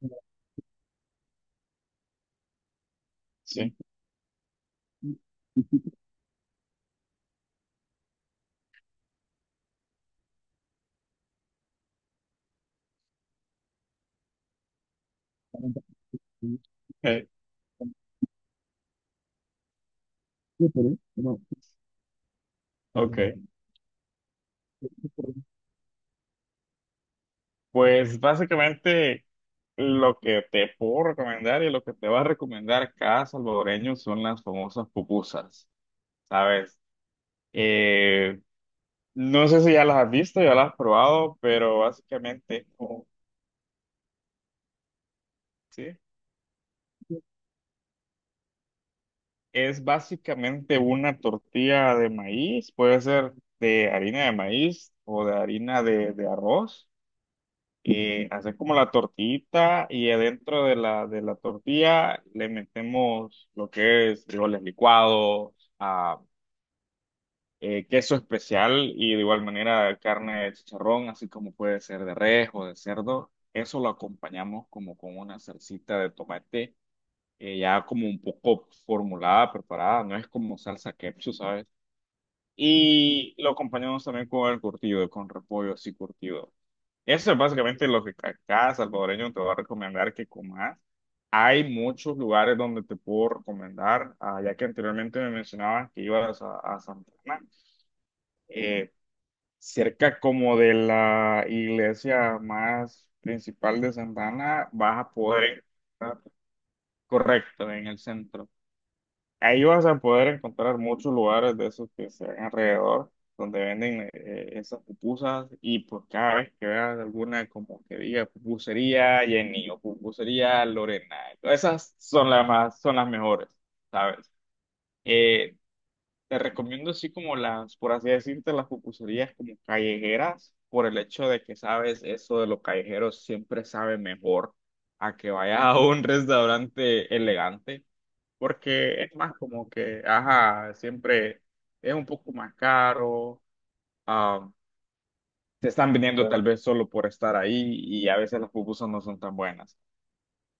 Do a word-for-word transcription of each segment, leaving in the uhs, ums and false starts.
Sí, sí, eh, no. Ok. Pues básicamente lo que te puedo recomendar y lo que te va a recomendar cada salvadoreño son las famosas pupusas, ¿sabes? Eh, no sé si ya las has visto, ya las has probado, pero básicamente, oh, ¿sí? Es básicamente una tortilla de maíz, puede ser de harina de maíz o de harina de, de arroz. Y haces como la tortita y adentro de la, de la tortilla le metemos lo que es frijoles licuados, ah, eh, queso especial y de igual manera carne de chicharrón, así como puede ser de res o de cerdo. Eso lo acompañamos como con una salsita de tomate eh, ya como un poco formulada, preparada. No es como salsa ketchup, ¿sabes? Y lo acompañamos también con el curtido, con repollo así curtido. Eso es básicamente lo que ca- cada salvadoreño te va a recomendar que comas. Hay muchos lugares donde te puedo recomendar, ah, ya que anteriormente me mencionabas que ibas a, a Santana, eh, cerca como de la iglesia más principal de Santana, vas a poder encontrar, correcto, en el centro. Ahí vas a poder encontrar muchos lugares de esos que se ven alrededor, donde venden eh, esas pupusas, y pues cada vez que veas alguna como que diga pupusería Jenny o pupusería Lorena, todas esas son las más, son las mejores, ¿sabes? Eh, Te recomiendo así como las, por así decirte, las pupuserías como callejeras, por el hecho de que sabes, eso de los callejeros siempre sabe mejor a que vayas a un restaurante elegante, porque es más como que, ajá, siempre es un poco más caro, ah, te están vendiendo tal vez solo por estar ahí y a veces las pupusas no son tan buenas.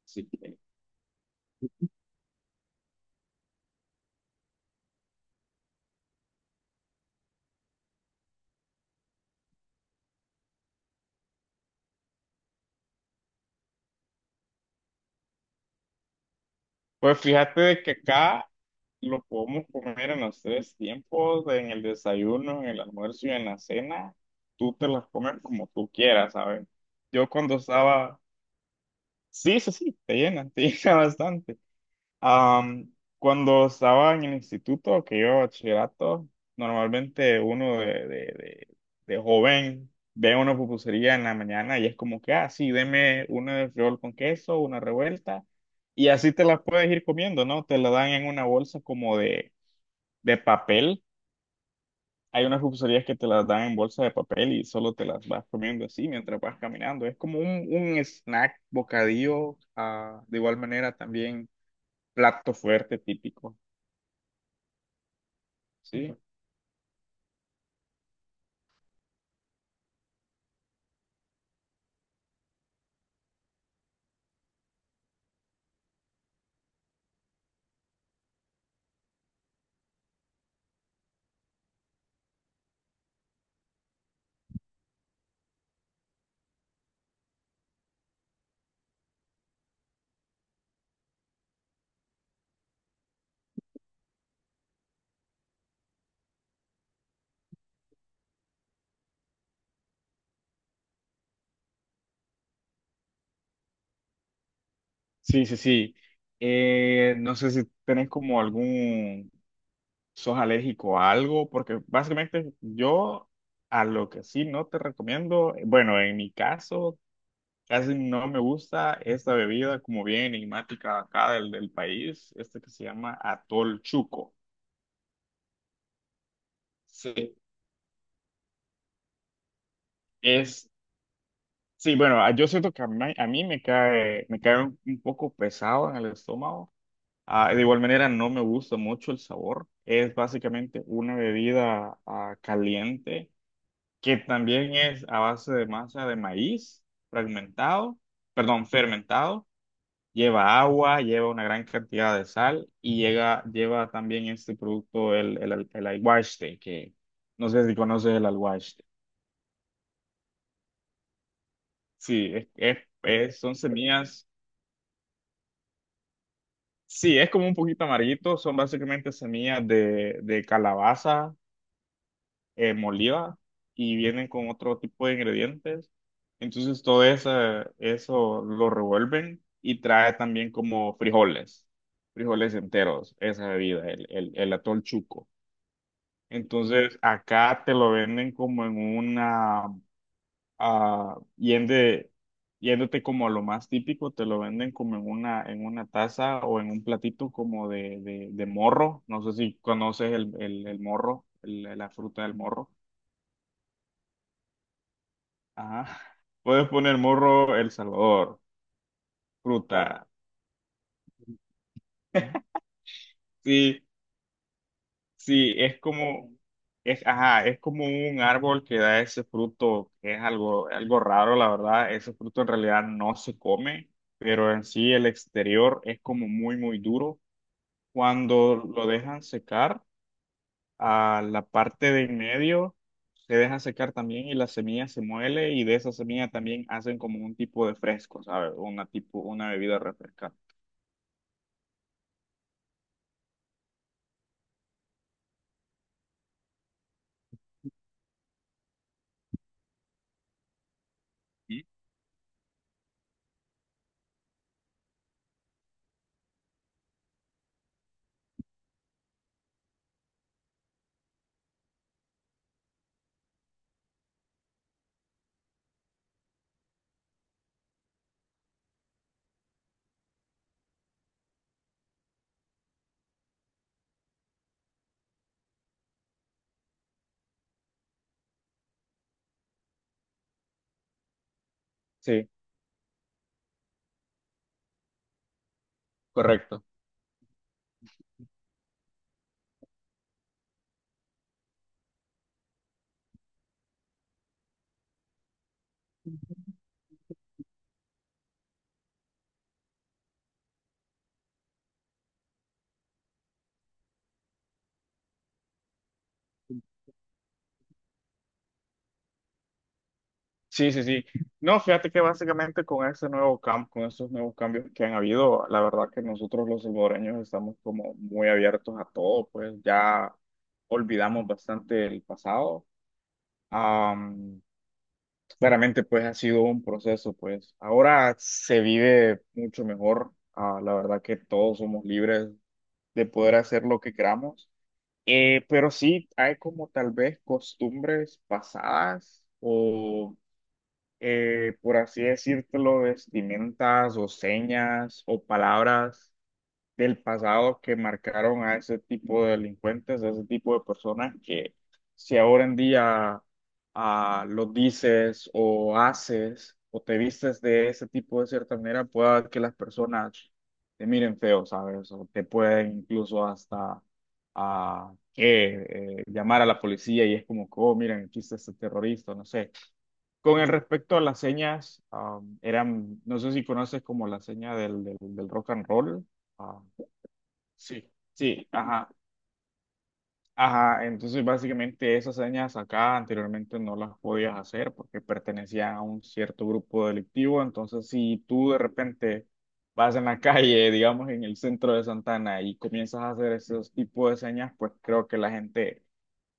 Así que, pues fíjate de que acá lo podemos comer en los tres tiempos, en el desayuno, en el almuerzo y en la cena. Tú te las comes como tú quieras, ¿sabes? Yo cuando estaba. Sí, sí, sí, te llenan, te llena bastante. Am, Cuando estaba en el instituto, que yo bachillerato, normalmente uno de, de, de, de joven ve una pupusería en la mañana y es como que, ah, sí, deme una de frijol con queso, una revuelta. Y así te las puedes ir comiendo, ¿no? Te la dan en una bolsa como de de papel. Hay unas pulserías que te las dan en bolsa de papel y solo te las vas comiendo así mientras vas caminando. Es como un, un snack, bocadillo, ah, de igual manera también plato fuerte típico. Sí, sí, sí, sí. Eh, no sé si tenés como algún, sos alérgico a algo, porque básicamente yo, a lo que sí no te recomiendo, eh, bueno, en mi caso casi no me gusta esta bebida como bien enigmática acá del, del país, este que se llama Atol Chuco. Sí, es, sí, bueno, ah, yo siento que a mí, a mí me cae, me cae un, un poco pesado en el estómago. Ah, de igual manera no me gusta mucho el sabor. Es básicamente una bebida ah, caliente, que también es a base de masa de maíz fragmentado, perdón, fermentado. Lleva agua, lleva una gran cantidad de sal y llega, lleva también este producto, el, el, al- el alguaste, que no sé si conoces el alguaste. Sí, es, es, es- son semillas, sí, es como un poquito amarguito, son básicamente semillas de, de calabaza eh, molida, y vienen con otro tipo de ingredientes. Entonces todo eso, eso lo revuelven y trae también como frijoles, frijoles enteros, esa bebida, el, el, el atol chuco. Entonces, acá te lo venden como en una, ah, yende- yéndote como a lo más típico, te lo venden como en una, en una taza o en un platito como de, de, de morro. No sé si conoces el, el, el morro, el- la fruta del morro. Ajá. Puedes poner morro El Salvador, fruta. Sí, sí, es como, es, ajá, es como un árbol que da ese fruto, que es algo, algo raro, la verdad. Ese fruto en realidad no se come, pero en sí el exterior es como muy, muy duro. Cuando lo dejan secar, a la parte de en medio se deja secar también, y la semilla se muele, y de esa semilla también hacen como un tipo de fresco, ¿sabes? Una tipo, una bebida refrescante. ¿Mm? Sí, correcto. Sí, sí, sí. No, fíjate que básicamente con ese nuevo cam- con esos nuevos cambios que han habido, la verdad que nosotros los salvadoreños estamos como muy abiertos a todo, pues ya olvidamos bastante el pasado. Am, Claramente, pues ha sido un proceso, pues ahora se vive mucho mejor. Ah, la verdad que todos somos libres de poder hacer lo que queramos. Eh, pero sí, hay como tal vez costumbres pasadas o eh, por así decírtelo, vestimentas o señas o palabras del pasado que marcaron a ese tipo de delincuentes, a ese tipo de personas, que si ahora en día ah, lo dices o haces o te vistes de ese tipo de cierta manera, pueda que las personas te miren feo, ¿sabes? O te pueden incluso hasta, a que eh, llamar a la policía, y es como, que, oh, miren, aquí está este terrorista, no sé. Con el respecto a las señas, am, eran, no sé si conoces como la seña del, del, del rock and roll. ah, sí, sí, ajá. Ajá, entonces básicamente esas señas acá anteriormente no las podías hacer porque pertenecían a un cierto grupo delictivo, entonces si tú de repente vas en la calle, digamos en el centro de Santana, y comienzas a hacer esos tipos de señas, pues creo que la gente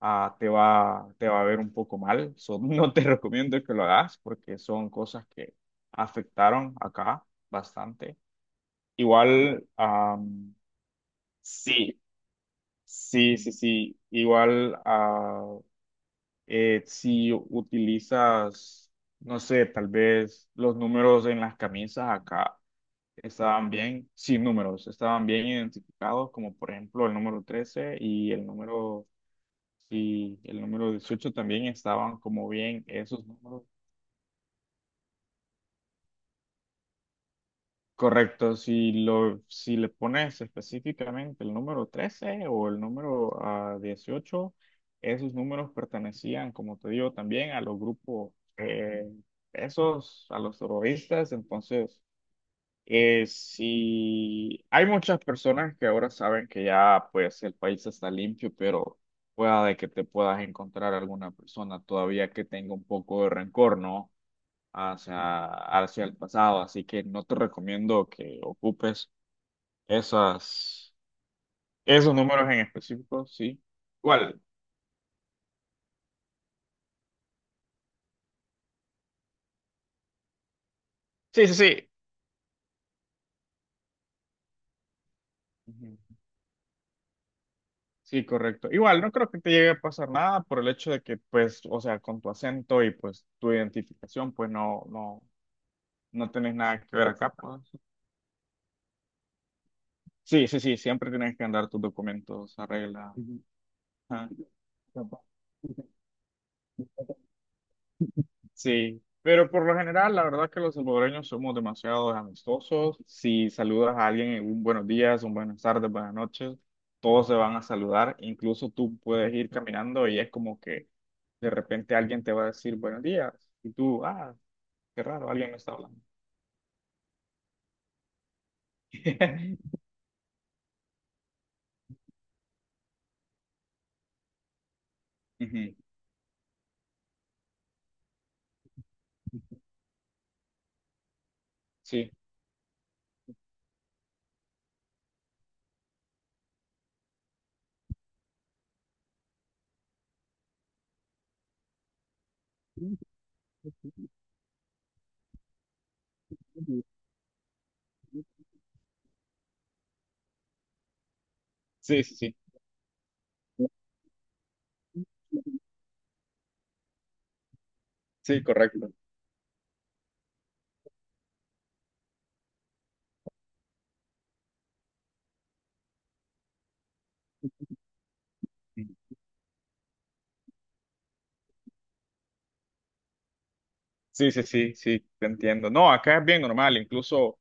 ah, te va, te va a ver un poco mal. So, no te recomiendo que lo hagas, porque son cosas que afectaron acá bastante. Igual, am, sí, sí, sí, sí. Igual, ah, eh, si utilizas, no sé, tal vez los números en las camisas, acá estaban bien, sin números, estaban bien identificados, como por ejemplo el número trece y el número, y el número dieciocho, también estaban como bien esos números. Correcto, si lo, si le pones específicamente el número trece o el número ah, dieciocho, esos números pertenecían, como te digo, también a los grupos, eh, esos, a los terroristas. Entonces, eh, si hay muchas personas que ahora saben que ya pues el país está limpio, pero pueda de que te puedas encontrar alguna persona todavía que tenga un poco de rencor, ¿no? hacia, hacia el pasado, así que no te recomiendo que ocupes esas, esos números en específico, sí. Igual, sí, sí, sí. Ujú. Sí, correcto. Igual, no creo que te llegue a pasar nada, por el hecho de que, pues, o sea, con tu acento y pues tu identificación, pues no, no, no tenés nada que ver acá, pues. Sí, sí, sí, siempre tienes que andar tus documentos a regla. Ajá. Sí, pero por lo general, la verdad es que los salvadoreños somos demasiado amistosos. Si saludas a alguien en un buenos días, un buenas tardes, buenas noches, todos se van a saludar. Incluso tú puedes ir caminando y es como que de repente alguien te va a decir buenos días y tú, ah, qué raro, alguien me está hablando. Ujú, sí, sí, sí, sí, sí, correcto. Sí, sí, sí, sí, te entiendo. No, acá es bien normal, incluso.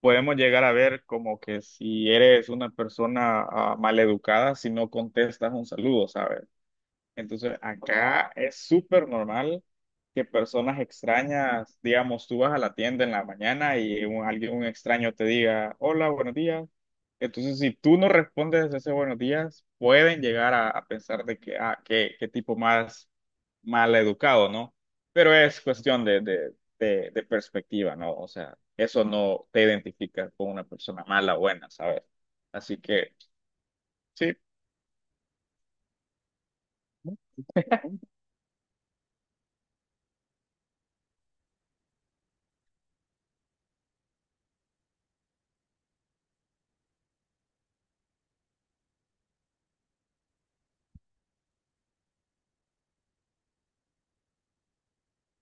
Podemos llegar a ver como que si eres una persona mal maleducada si no contestas un saludo, ¿sabes? Entonces, acá es súper normal que personas extrañas, digamos, tú vas a la tienda en la mañana y un, alguien, un extraño te diga, hola, buenos días. Entonces, si tú no respondes ese buenos días, pueden llegar a, a pensar de que, ah, qué, qué tipo más mal educado, ¿no? Pero es cuestión de, de, de, de perspectiva, ¿no? O sea, eso no te identifica con una persona mala o buena, ¿sabes? Así que, sí.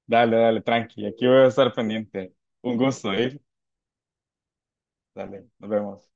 Dale, dale, tranqui. Aquí voy a estar pendiente. Un gusto, ¿eh? Dale, nos vemos.